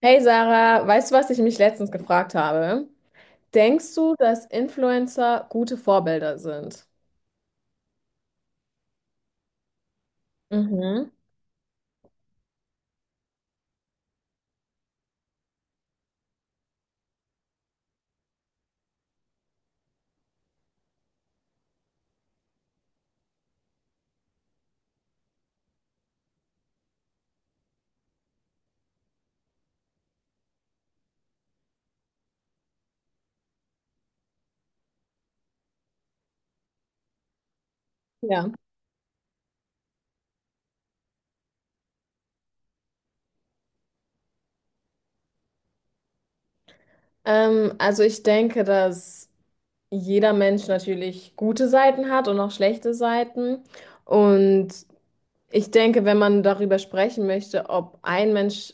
Hey Sarah, weißt du, was ich mich letztens gefragt habe? Denkst du, dass Influencer gute Vorbilder sind? Mhm. Ja. Also ich denke, dass jeder Mensch natürlich gute Seiten hat und auch schlechte Seiten. Und Ich denke, wenn man darüber sprechen möchte, ob ein Mensch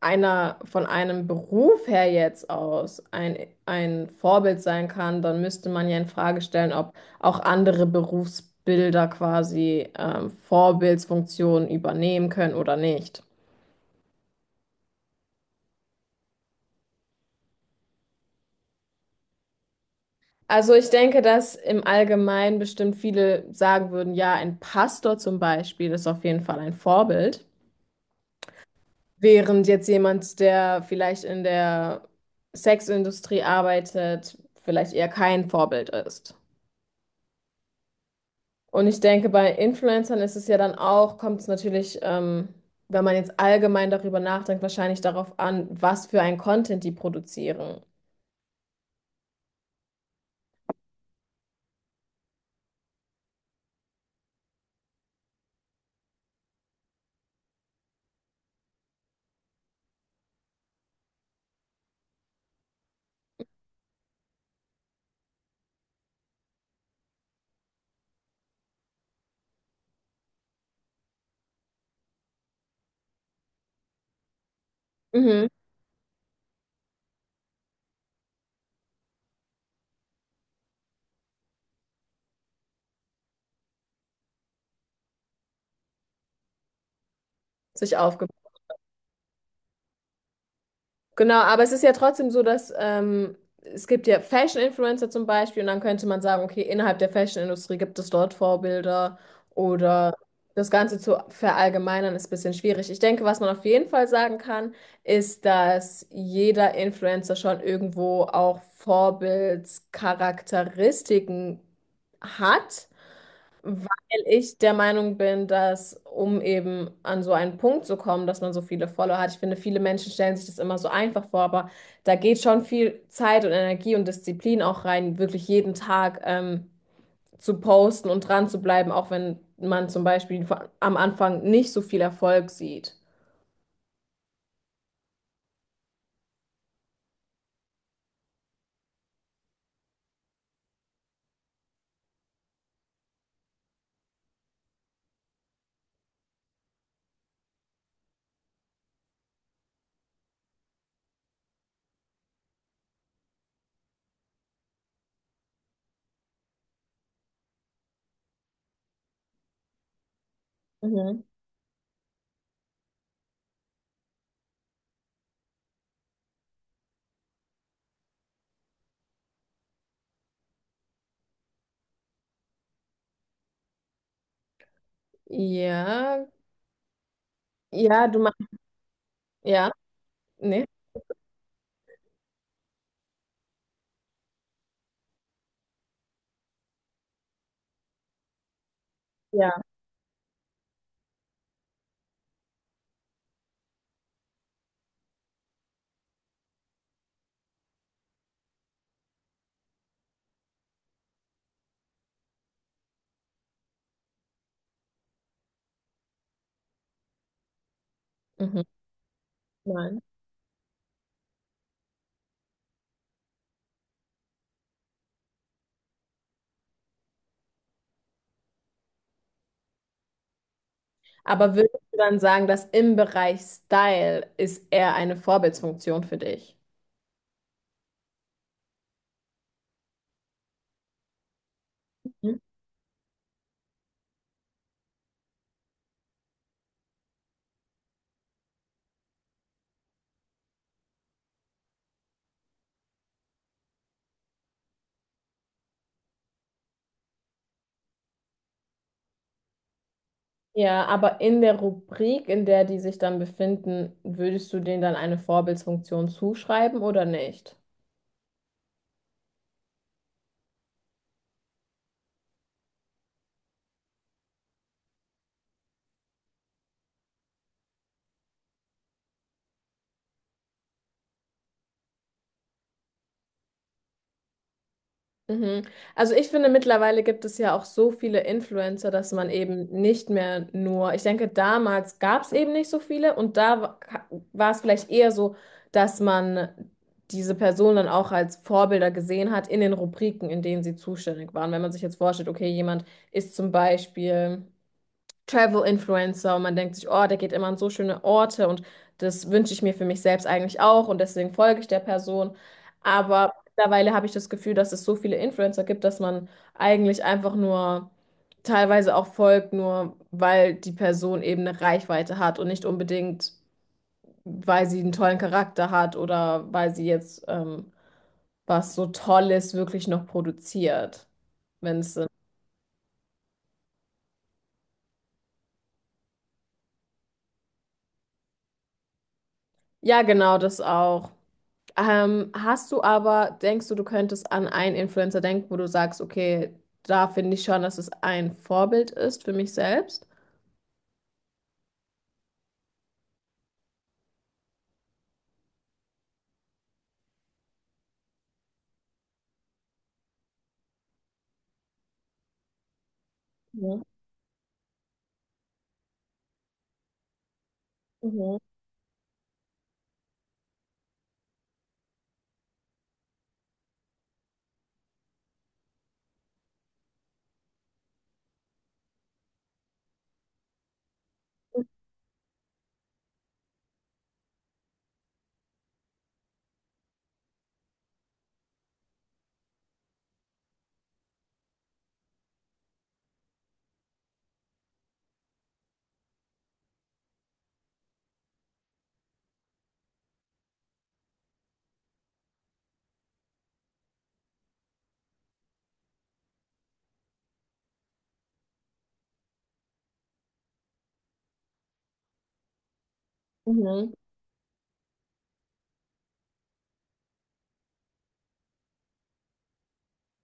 einer von einem Beruf her jetzt ein Vorbild sein kann, dann müsste man ja in Frage stellen, ob auch andere Berufsbilder quasi Vorbildsfunktionen übernehmen können oder nicht. Also ich denke, dass im Allgemeinen bestimmt viele sagen würden, ja, ein Pastor zum Beispiel ist auf jeden Fall ein Vorbild. Während jetzt jemand, der vielleicht in der Sexindustrie arbeitet, vielleicht eher kein Vorbild ist. Und ich denke, bei Influencern ist es ja dann auch, kommt es natürlich, wenn man jetzt allgemein darüber nachdenkt, wahrscheinlich darauf an, was für ein Content die produzieren. Mhm. Sich aufgebaut. Genau, aber es ist ja trotzdem so, dass es gibt ja Fashion-Influencer zum Beispiel und dann könnte man sagen, okay, innerhalb der Fashion-Industrie gibt es dort Vorbilder oder das Ganze zu verallgemeinern ist ein bisschen schwierig. Ich denke, was man auf jeden Fall sagen kann, ist, dass jeder Influencer schon irgendwo auch Vorbildscharakteristiken hat. Weil ich der Meinung bin, dass, um eben an so einen Punkt zu kommen, dass man so viele Follower hat, ich finde, viele Menschen stellen sich das immer so einfach vor, aber da geht schon viel Zeit und Energie und Disziplin auch rein, wirklich jeden Tag zu posten und dran zu bleiben, auch wenn man zum Beispiel am Anfang nicht so viel Erfolg sieht. Mhm. Ja, ja, du meinst, ja, nee, ja, mhm. Nein. Aber würdest du dann sagen, dass im Bereich Style ist eher eine Vorbildsfunktion für dich? Hm? Ja, aber in der Rubrik, in der die sich dann befinden, würdest du denen dann eine Vorbildsfunktion zuschreiben oder nicht? Mhm. Also ich finde, mittlerweile gibt es ja auch so viele Influencer, dass man eben nicht mehr nur, ich denke, damals gab es eben nicht so viele und da war es vielleicht eher so, dass man diese Person dann auch als Vorbilder gesehen hat in den Rubriken, in denen sie zuständig waren. Wenn man sich jetzt vorstellt, okay, jemand ist zum Beispiel Travel-Influencer und man denkt sich, oh, der geht immer an so schöne Orte und das wünsche ich mir für mich selbst eigentlich auch und deswegen folge ich der Person. Aber mittlerweile habe ich das Gefühl, dass es so viele Influencer gibt, dass man eigentlich einfach nur teilweise auch folgt, nur weil die Person eben eine Reichweite hat und nicht unbedingt, weil sie einen tollen Charakter hat oder weil sie jetzt was so Tolles wirklich noch produziert, wenn es Sinn. Ja, genau, das auch. Hast du aber, denkst du, du könntest an einen Influencer denken, wo du sagst, okay, da finde ich schon, dass es ein Vorbild ist für mich selbst? Mhm. Mhm. Mhm.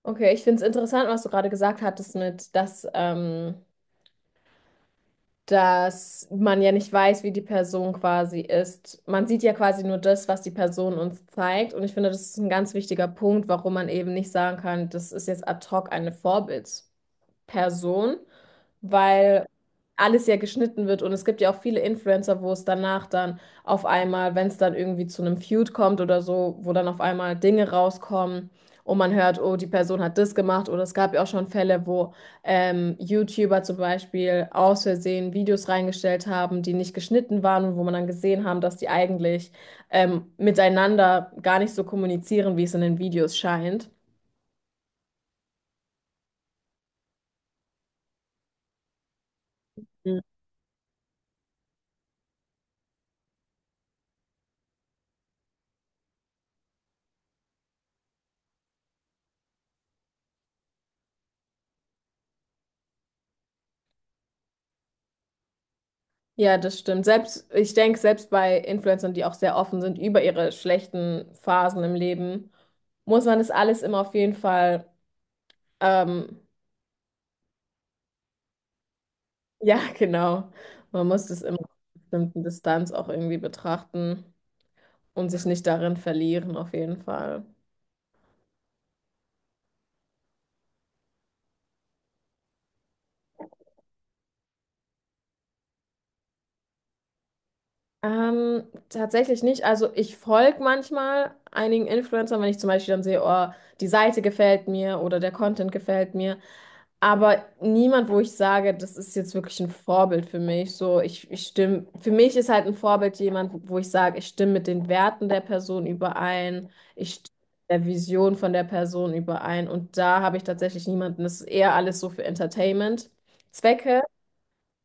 Okay, ich finde es interessant, was du gerade gesagt hattest mit, dass, dass man ja nicht weiß, wie die Person quasi ist. Man sieht ja quasi nur das, was die Person uns zeigt. Und ich finde, das ist ein ganz wichtiger Punkt, warum man eben nicht sagen kann, das ist jetzt ad hoc eine Vorbild. Person, weil alles ja geschnitten wird und es gibt ja auch viele Influencer, wo es danach dann auf einmal, wenn es dann irgendwie zu einem Feud kommt oder so, wo dann auf einmal Dinge rauskommen und man hört, oh, die Person hat das gemacht, oder es gab ja auch schon Fälle, wo YouTuber zum Beispiel aus Versehen Videos reingestellt haben, die nicht geschnitten waren und wo man dann gesehen haben, dass die eigentlich miteinander gar nicht so kommunizieren, wie es in den Videos scheint. Ja, das stimmt. Selbst, ich denke, selbst bei Influencern, die auch sehr offen sind über ihre schlechten Phasen im Leben, muss man das alles immer auf jeden Fall, ähm, ja, genau. Man muss das immer auf einer bestimmten Distanz auch irgendwie betrachten und sich nicht darin verlieren, auf jeden Fall. Ähm, tatsächlich nicht. Also ich folge manchmal einigen Influencern, wenn ich zum Beispiel dann sehe, oh, die Seite gefällt mir oder der Content gefällt mir. Aber niemand, wo ich sage, das ist jetzt wirklich ein Vorbild für mich. So, ich stimme, für mich ist halt ein Vorbild jemand, wo ich sage, ich stimme mit den Werten der Person überein, ich stimme mit der Vision von der Person überein. Und da habe ich tatsächlich niemanden. Das ist eher alles so für Entertainment-Zwecke.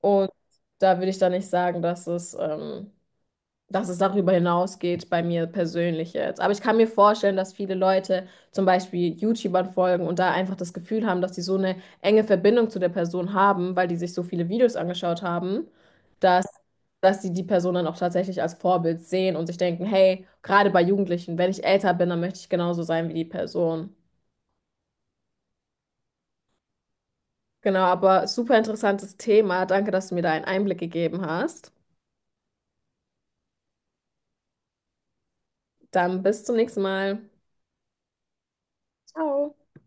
Und da würde ich dann nicht sagen, dass es darüber hinausgeht bei mir persönlich jetzt. Aber ich kann mir vorstellen, dass viele Leute zum Beispiel YouTubern folgen und da einfach das Gefühl haben, dass sie so eine enge Verbindung zu der Person haben, weil die sich so viele Videos angeschaut haben, dass, dass sie die Person dann auch tatsächlich als Vorbild sehen und sich denken, hey, gerade bei Jugendlichen, wenn ich älter bin, dann möchte ich genauso sein wie die Person. Genau, aber super interessantes Thema. Danke, dass du mir da einen Einblick gegeben hast. Dann bis zum nächsten Mal. Ciao.